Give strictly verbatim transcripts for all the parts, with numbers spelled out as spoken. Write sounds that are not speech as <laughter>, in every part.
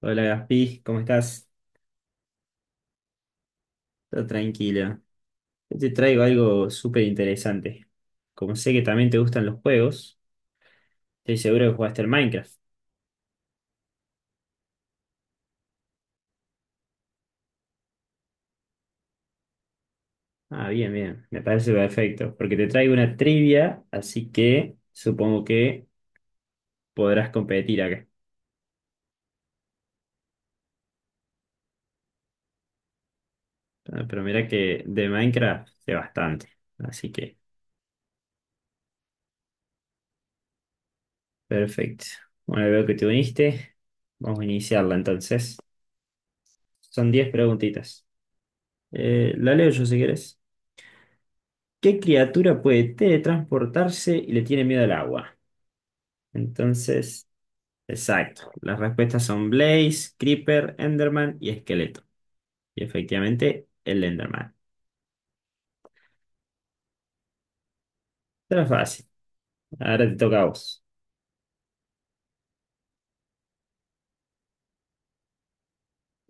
Hola Gaspi, ¿cómo estás? Todo tranquila. Yo te traigo algo súper interesante. Como sé que también te gustan los juegos, estoy seguro que jugaste al Minecraft. Ah, bien, bien, me parece perfecto, porque te traigo una trivia, así que supongo que podrás competir acá. Ah, pero mira que de Minecraft sé bastante, así que perfecto. Bueno, veo que te uniste, vamos a iniciarla entonces. Son diez preguntitas. Eh, la leo yo si quieres. ¿Qué criatura puede teletransportarse y le tiene miedo al agua? Entonces, exacto. Las respuestas son Blaze, Creeper, Enderman y Esqueleto. Y efectivamente, el Enderman. Era fácil. Ahora te toca a vos.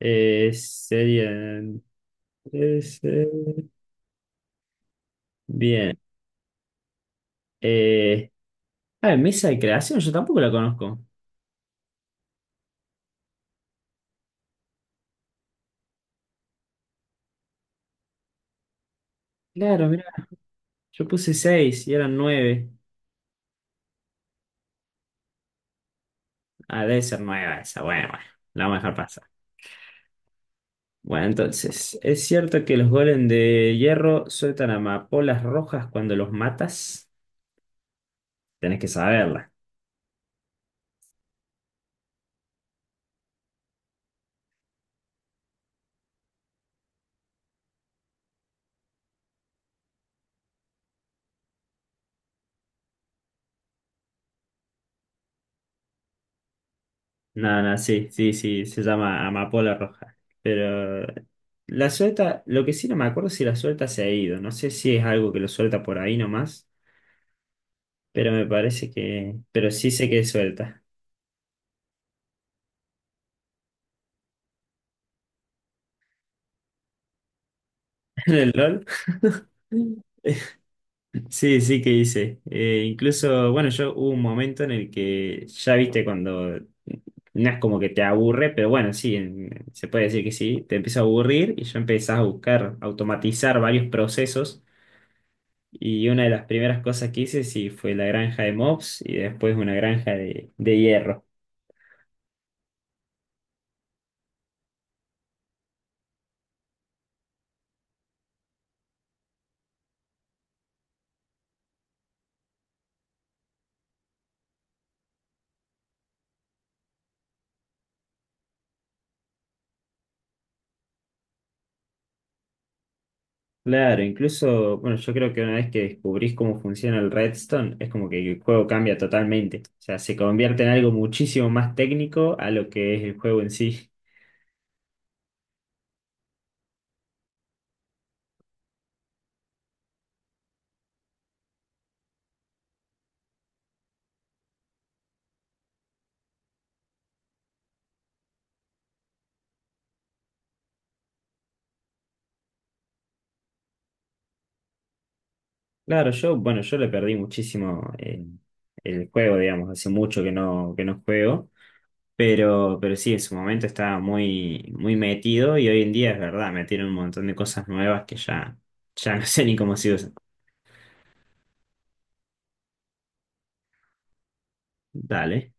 Eh, serían trece. Bien. Eh, ah, Mesa de creación, yo tampoco la conozco. Claro, mira, yo puse seis y eran nueve. Ah, debe ser nueve, esa. Bueno, bueno, la vamos a dejar pasar. Bueno, entonces, ¿es cierto que los golems de hierro sueltan amapolas rojas cuando los matas? Tenés que saberla. No, no, sí, sí, sí, se llama amapola roja. Pero la suelta, lo que sí no me acuerdo si la suelta se ha ido. No sé si es algo que lo suelta por ahí nomás, pero me parece que... pero sí sé que suelta. <laughs> ¿En el LOL? <laughs> Sí, sí que hice. Eh, incluso, bueno, yo hubo un momento en el que ya viste cuando no es como que te aburre, pero bueno, sí, en- se puede decir que sí, te empieza a aburrir y ya empezás a buscar automatizar varios procesos. Y una de las primeras cosas que hice sí fue la granja de mobs y después una granja de, de hierro. Claro, incluso, bueno, yo creo que una vez que descubrís cómo funciona el redstone, es como que el juego cambia totalmente. O sea, se convierte en algo muchísimo más técnico a lo que es el juego en sí. Claro, yo, bueno, yo le perdí muchísimo eh, el juego, digamos, hace mucho que no, que no juego, pero, pero sí, en su momento estaba muy, muy metido y hoy en día es verdad, metieron un montón de cosas nuevas que ya, ya no <laughs> sé ni cómo se usan. Dale,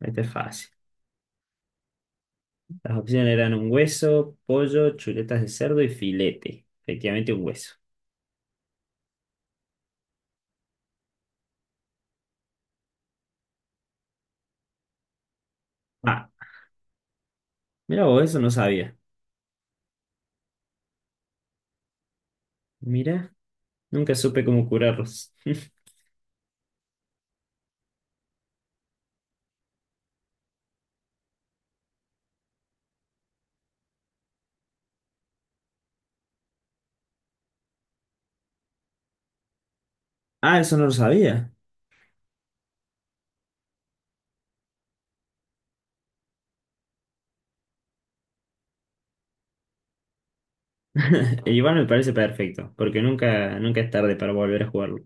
este es fácil. Las opciones eran un hueso, pollo, chuletas de cerdo y filete. Efectivamente, un hueso. Ah, mira vos, eso no sabía. Mira, nunca supe cómo curarlos. <laughs> Ah, eso no lo sabía. <laughs> Igual me parece perfecto, porque nunca, nunca es tarde para volver a jugarlo.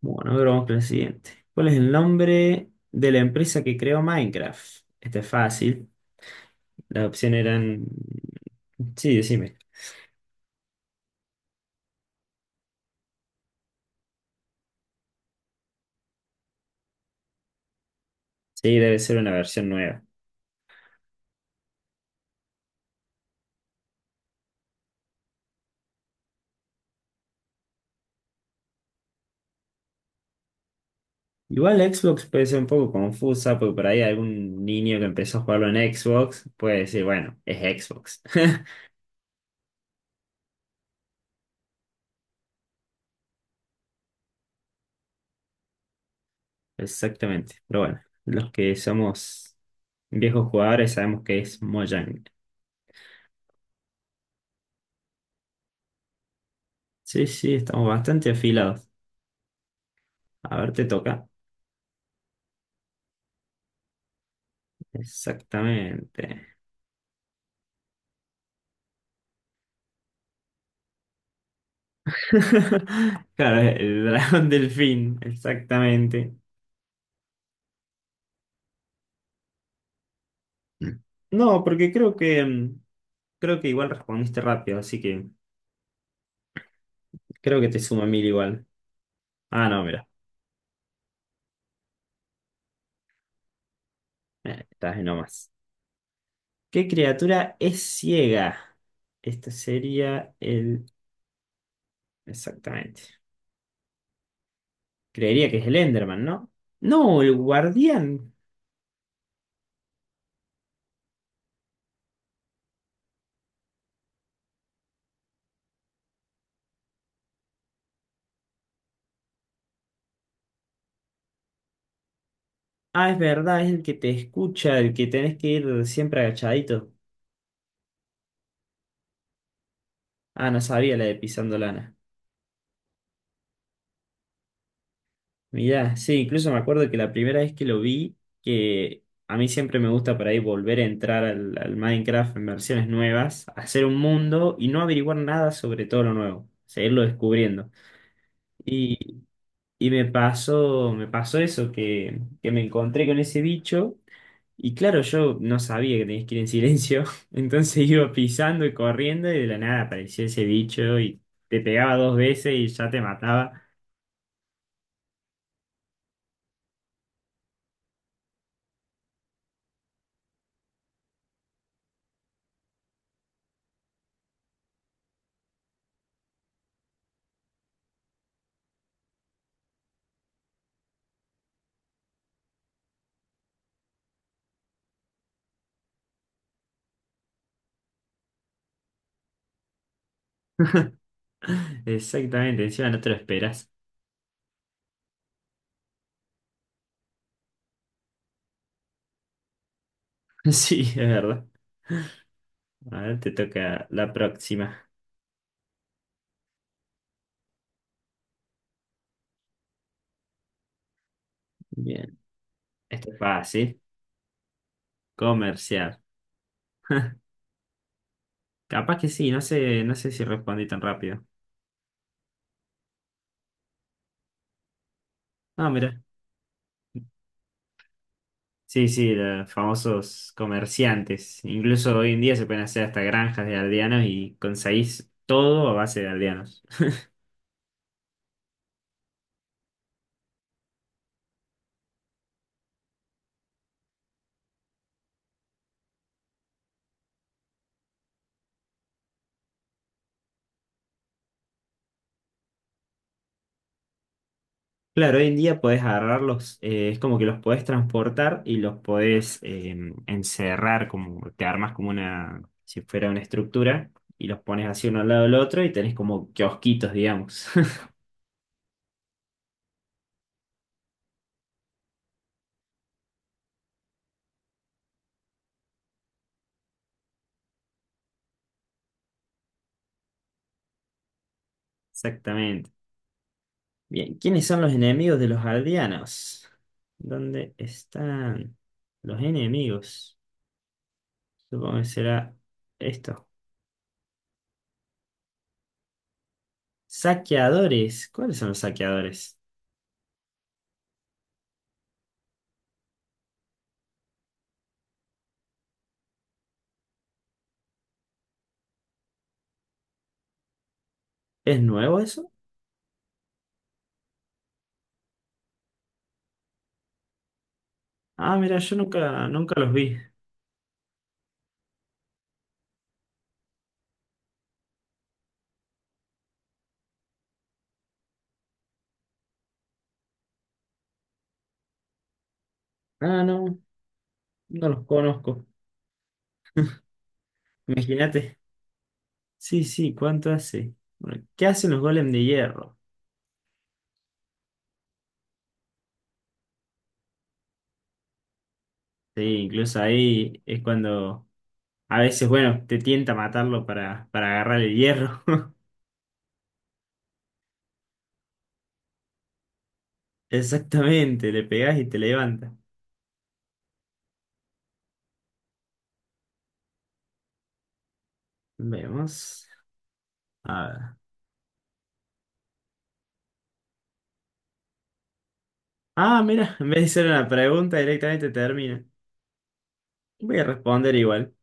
Bueno, ahora vamos con el siguiente. ¿Cuál es el nombre de la empresa que creó Minecraft? Este es fácil. Las opciones eran... Sí, decime. Sí, debe ser una versión nueva. Igual Xbox puede ser un poco confusa, porque por ahí algún niño que empezó a jugarlo en Xbox puede decir, bueno, es Xbox. <laughs> Exactamente. Pero bueno, los que somos viejos jugadores sabemos que es Mojang. Sí, sí, estamos bastante afilados. A ver, te toca. Exactamente. <laughs> Claro, el dragón <laughs> delfín, exactamente. No, porque creo que mm, creo que igual respondiste rápido, así que creo que te suma mil igual. Ah, no, mira. Eh, estás en nomás. ¿Qué criatura es ciega? Este sería el. Exactamente. Creería que es el Enderman, ¿no? No, el guardián. Ah, es verdad, es el que te escucha, el que tenés que ir siempre agachadito. Ah, no sabía la de Pisando Lana. Mirá, sí, incluso me acuerdo que la primera vez que lo vi, que a mí siempre me gusta por ahí volver a entrar al, al Minecraft en versiones nuevas, hacer un mundo y no averiguar nada sobre todo lo nuevo, seguirlo descubriendo. Y, y me pasó, me pasó eso, que, que me encontré con ese bicho y claro, yo no sabía que tenías que ir en silencio, <laughs> entonces iba pisando y corriendo y de la nada apareció ese bicho y te pegaba dos veces y ya te mataba. Exactamente, encima no te lo esperas. <laughs> Sí, es verdad. A ver, te toca la próxima. Bien, esto es fácil. Comercial. <laughs> Capaz que sí, no sé, no sé si respondí tan rápido. Ah, mira. Sí, sí, los famosos comerciantes. Incluso hoy en día se pueden hacer hasta granjas de aldeanos y conseguís todo a base de aldeanos. Claro, hoy en día podés agarrarlos, eh, es como que los podés transportar y los podés eh, encerrar, como te armas como una, si fuera una estructura, y los pones así uno al lado del otro y tenés como kiosquitos, digamos. <laughs> Exactamente. Bien, ¿quiénes son los enemigos de los aldeanos? ¿Dónde están los enemigos? Supongo que será esto. Saqueadores. ¿Cuáles son los saqueadores? ¿Es nuevo eso? Ah, mira, yo nunca, nunca los vi. Ah, no. No los conozco. Imagínate. Sí, sí, ¿cuánto hace? Bueno, ¿qué hacen los golems de hierro? Sí, incluso ahí es cuando a veces, bueno, te tienta matarlo para, para agarrar el hierro. <laughs> Exactamente, le pegas y te levanta. Vemos. A ver. Ah, mira, en vez de hacer una pregunta, directamente termina. Voy a responder igual.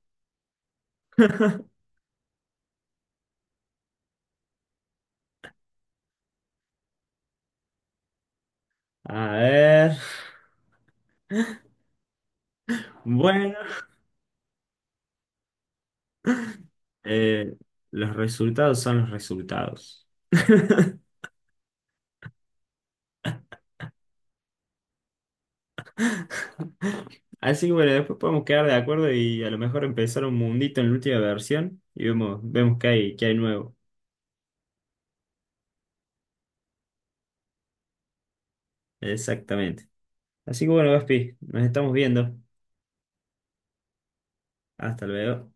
A ver. Bueno, eh, los resultados son los resultados. <laughs> Así que bueno, después podemos quedar de acuerdo y a lo mejor empezar un mundito en la última versión y vemos, vemos qué hay, qué hay nuevo. Exactamente. Así que bueno, Gaspi, nos estamos viendo. Hasta luego.